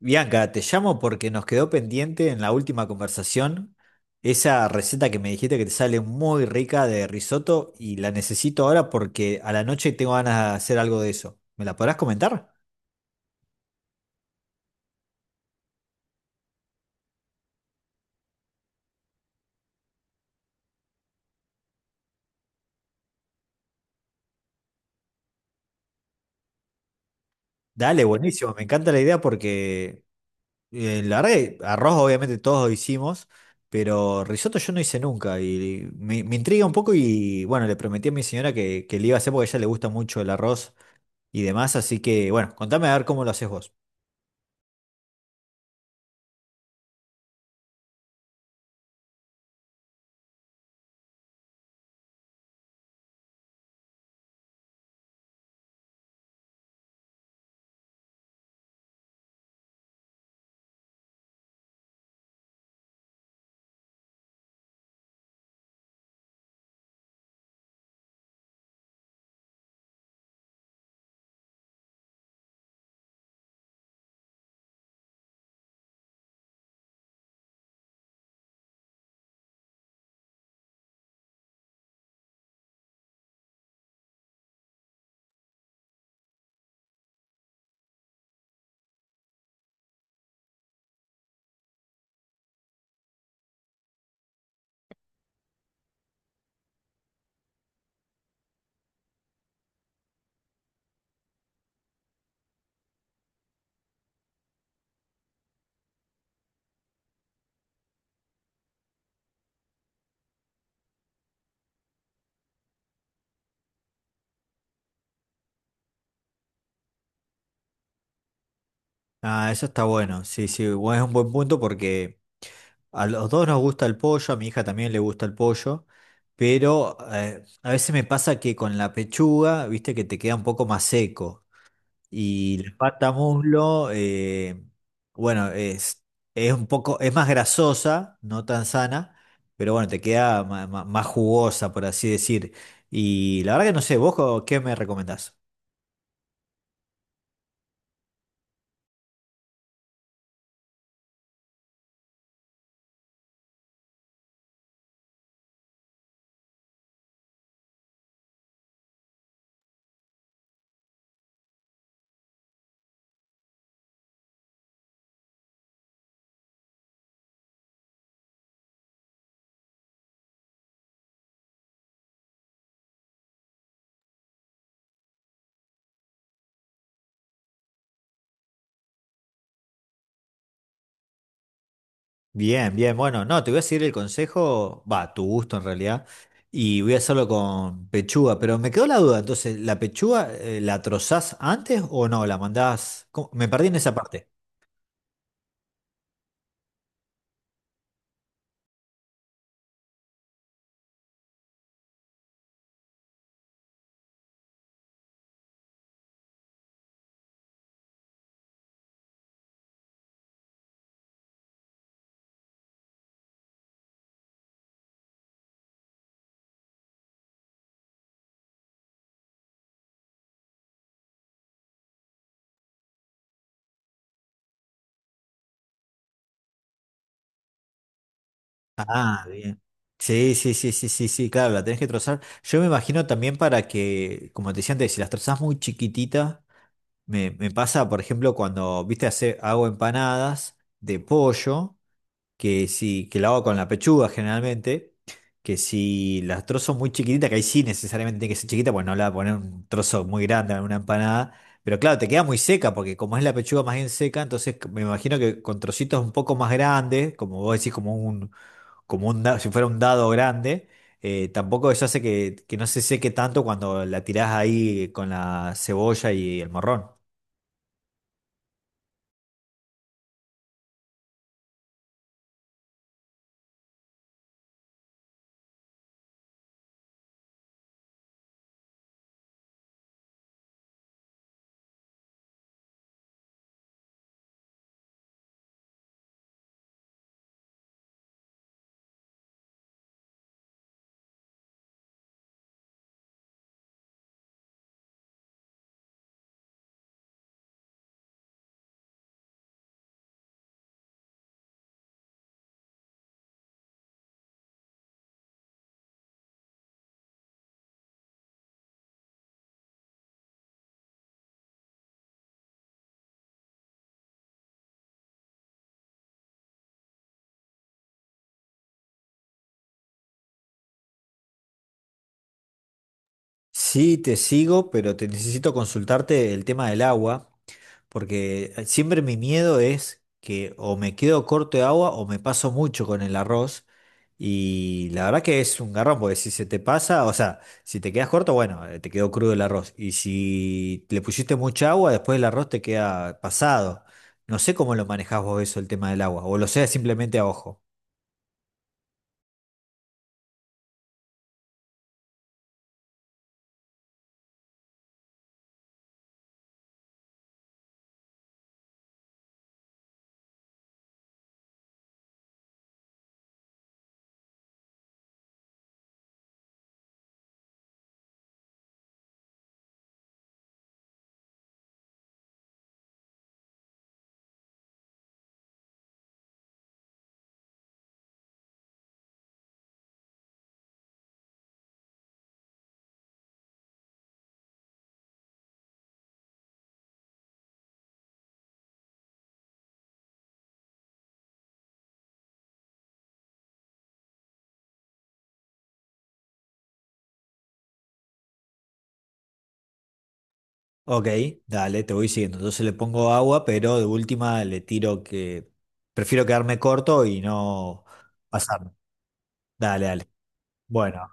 Bianca, te llamo porque nos quedó pendiente en la última conversación esa receta que me dijiste que te sale muy rica de risotto y la necesito ahora porque a la noche tengo ganas de hacer algo de eso. ¿Me la podrás comentar? Dale, buenísimo, me encanta la idea porque la verdad que arroz obviamente todos lo hicimos, pero risotto yo no hice nunca y me intriga un poco y bueno, le prometí a mi señora que le iba a hacer porque a ella le gusta mucho el arroz y demás, así que bueno, contame a ver cómo lo haces vos. Ah, eso está bueno. Sí, sí, es un buen punto porque a los dos nos gusta el pollo, a mi hija también le gusta el pollo, pero a veces me pasa que con la pechuga, viste que te queda un poco más seco y la pata muslo, bueno, es un poco, es más grasosa, no tan sana, pero bueno, te queda más jugosa, por así decir. Y la verdad que no sé, ¿vos qué me recomendás? Bien, bien, bueno, no, te voy a seguir el consejo, va, a tu gusto en realidad, y voy a hacerlo con pechuga, pero me quedó la duda, entonces, ¿la pechuga la trozás antes o no? ¿La mandás? ¿Cómo? Me perdí en esa parte. Ah, bien. Sí, sí, sí, sí, sí, sí, claro, la tenés que trozar. Yo me imagino también para que, como te decía antes, si las trozás muy chiquititas, me pasa, por ejemplo, cuando, viste, hago empanadas de pollo. Que si, que lo hago con la pechuga generalmente, que si las trozos muy chiquititas, que ahí sí necesariamente tiene que ser chiquita, pues no le voy a poner un trozo muy grande en una empanada, pero claro, te queda muy seca, porque como es la pechuga más bien seca, entonces me imagino que con trocitos un poco más grandes, como vos decís, como un, si fuera un dado grande, tampoco eso hace que no se seque tanto cuando la tirás ahí con la cebolla y el morrón. Sí, te sigo, pero te necesito consultarte el tema del agua. Porque siempre mi miedo es que o me quedo corto de agua o me paso mucho con el arroz. Y la verdad que es un garrón, porque si se te pasa, o sea, si te quedas corto, bueno, te quedó crudo el arroz. Y si le pusiste mucha agua, después el arroz te queda pasado. No sé cómo lo manejás vos eso, el tema del agua. O lo sea simplemente a ojo. Ok, dale, te voy siguiendo. Entonces le pongo agua, pero de última le tiro que prefiero quedarme corto y no pasarme. Dale, dale. Bueno.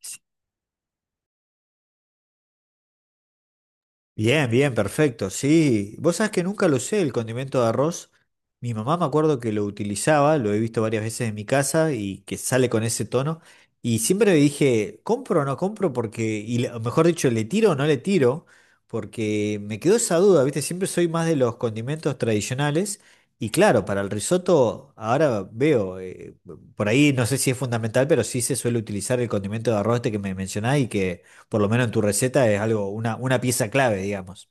Sí. Bien, bien, perfecto. Sí, vos sabés que nunca lo usé el condimento de arroz. Mi mamá me acuerdo que lo utilizaba, lo he visto varias veces en mi casa y que sale con ese tono. Y siempre dije, ¿compro o no compro? Porque, y o mejor dicho, ¿le tiro o no le tiro? Porque me quedó esa duda, ¿viste? Siempre soy más de los condimentos tradicionales. Y claro, para el risotto, ahora veo, por ahí no sé si es fundamental, pero sí se suele utilizar el condimento de arroz este que me mencionás y que por lo menos en tu receta, es algo, una pieza clave, digamos.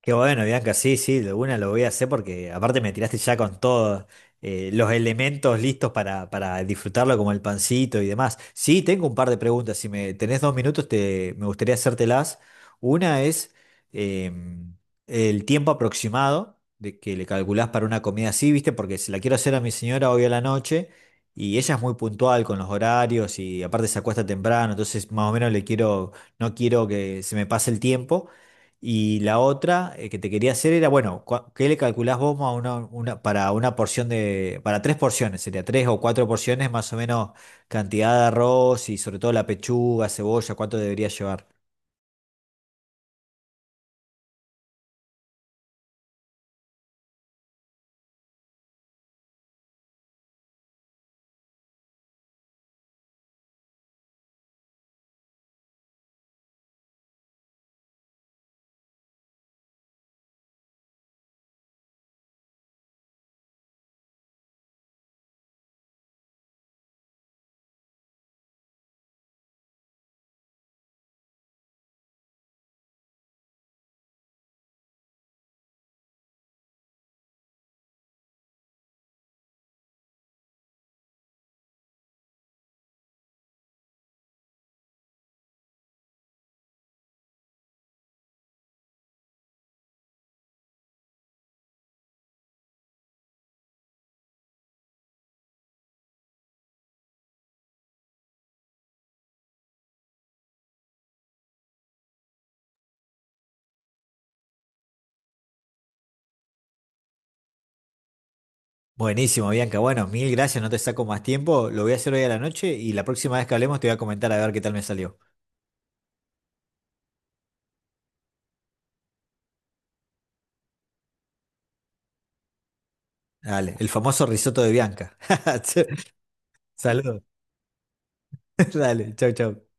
Qué bueno, Bianca, sí, sí, de una lo voy a hacer porque aparte me tiraste ya con todos los elementos listos para disfrutarlo, como el pancito y demás. Sí, tengo un par de preguntas. Si me tenés 2 minutos, me gustaría hacértelas. Una es em, el tiempo aproximado de que le calculás para una comida así, ¿viste? Porque se la quiero hacer a mi señora hoy a la noche y ella es muy puntual con los horarios y aparte se acuesta temprano, entonces más o menos le quiero, no quiero que se me pase el tiempo. Y la otra que te quería hacer era, bueno, ¿qué le calculás vos a una, para una porción de, para 3 porciones? Sería 3 o 4 porciones, más o menos cantidad de arroz y sobre todo la pechuga, cebolla, ¿cuánto debería llevar? Buenísimo, Bianca. Bueno, mil gracias, no te saco más tiempo. Lo voy a hacer hoy a la noche y la próxima vez que hablemos te voy a comentar a ver qué tal me salió. Dale, el famoso risotto de Bianca. Saludos. Dale, chau, chau.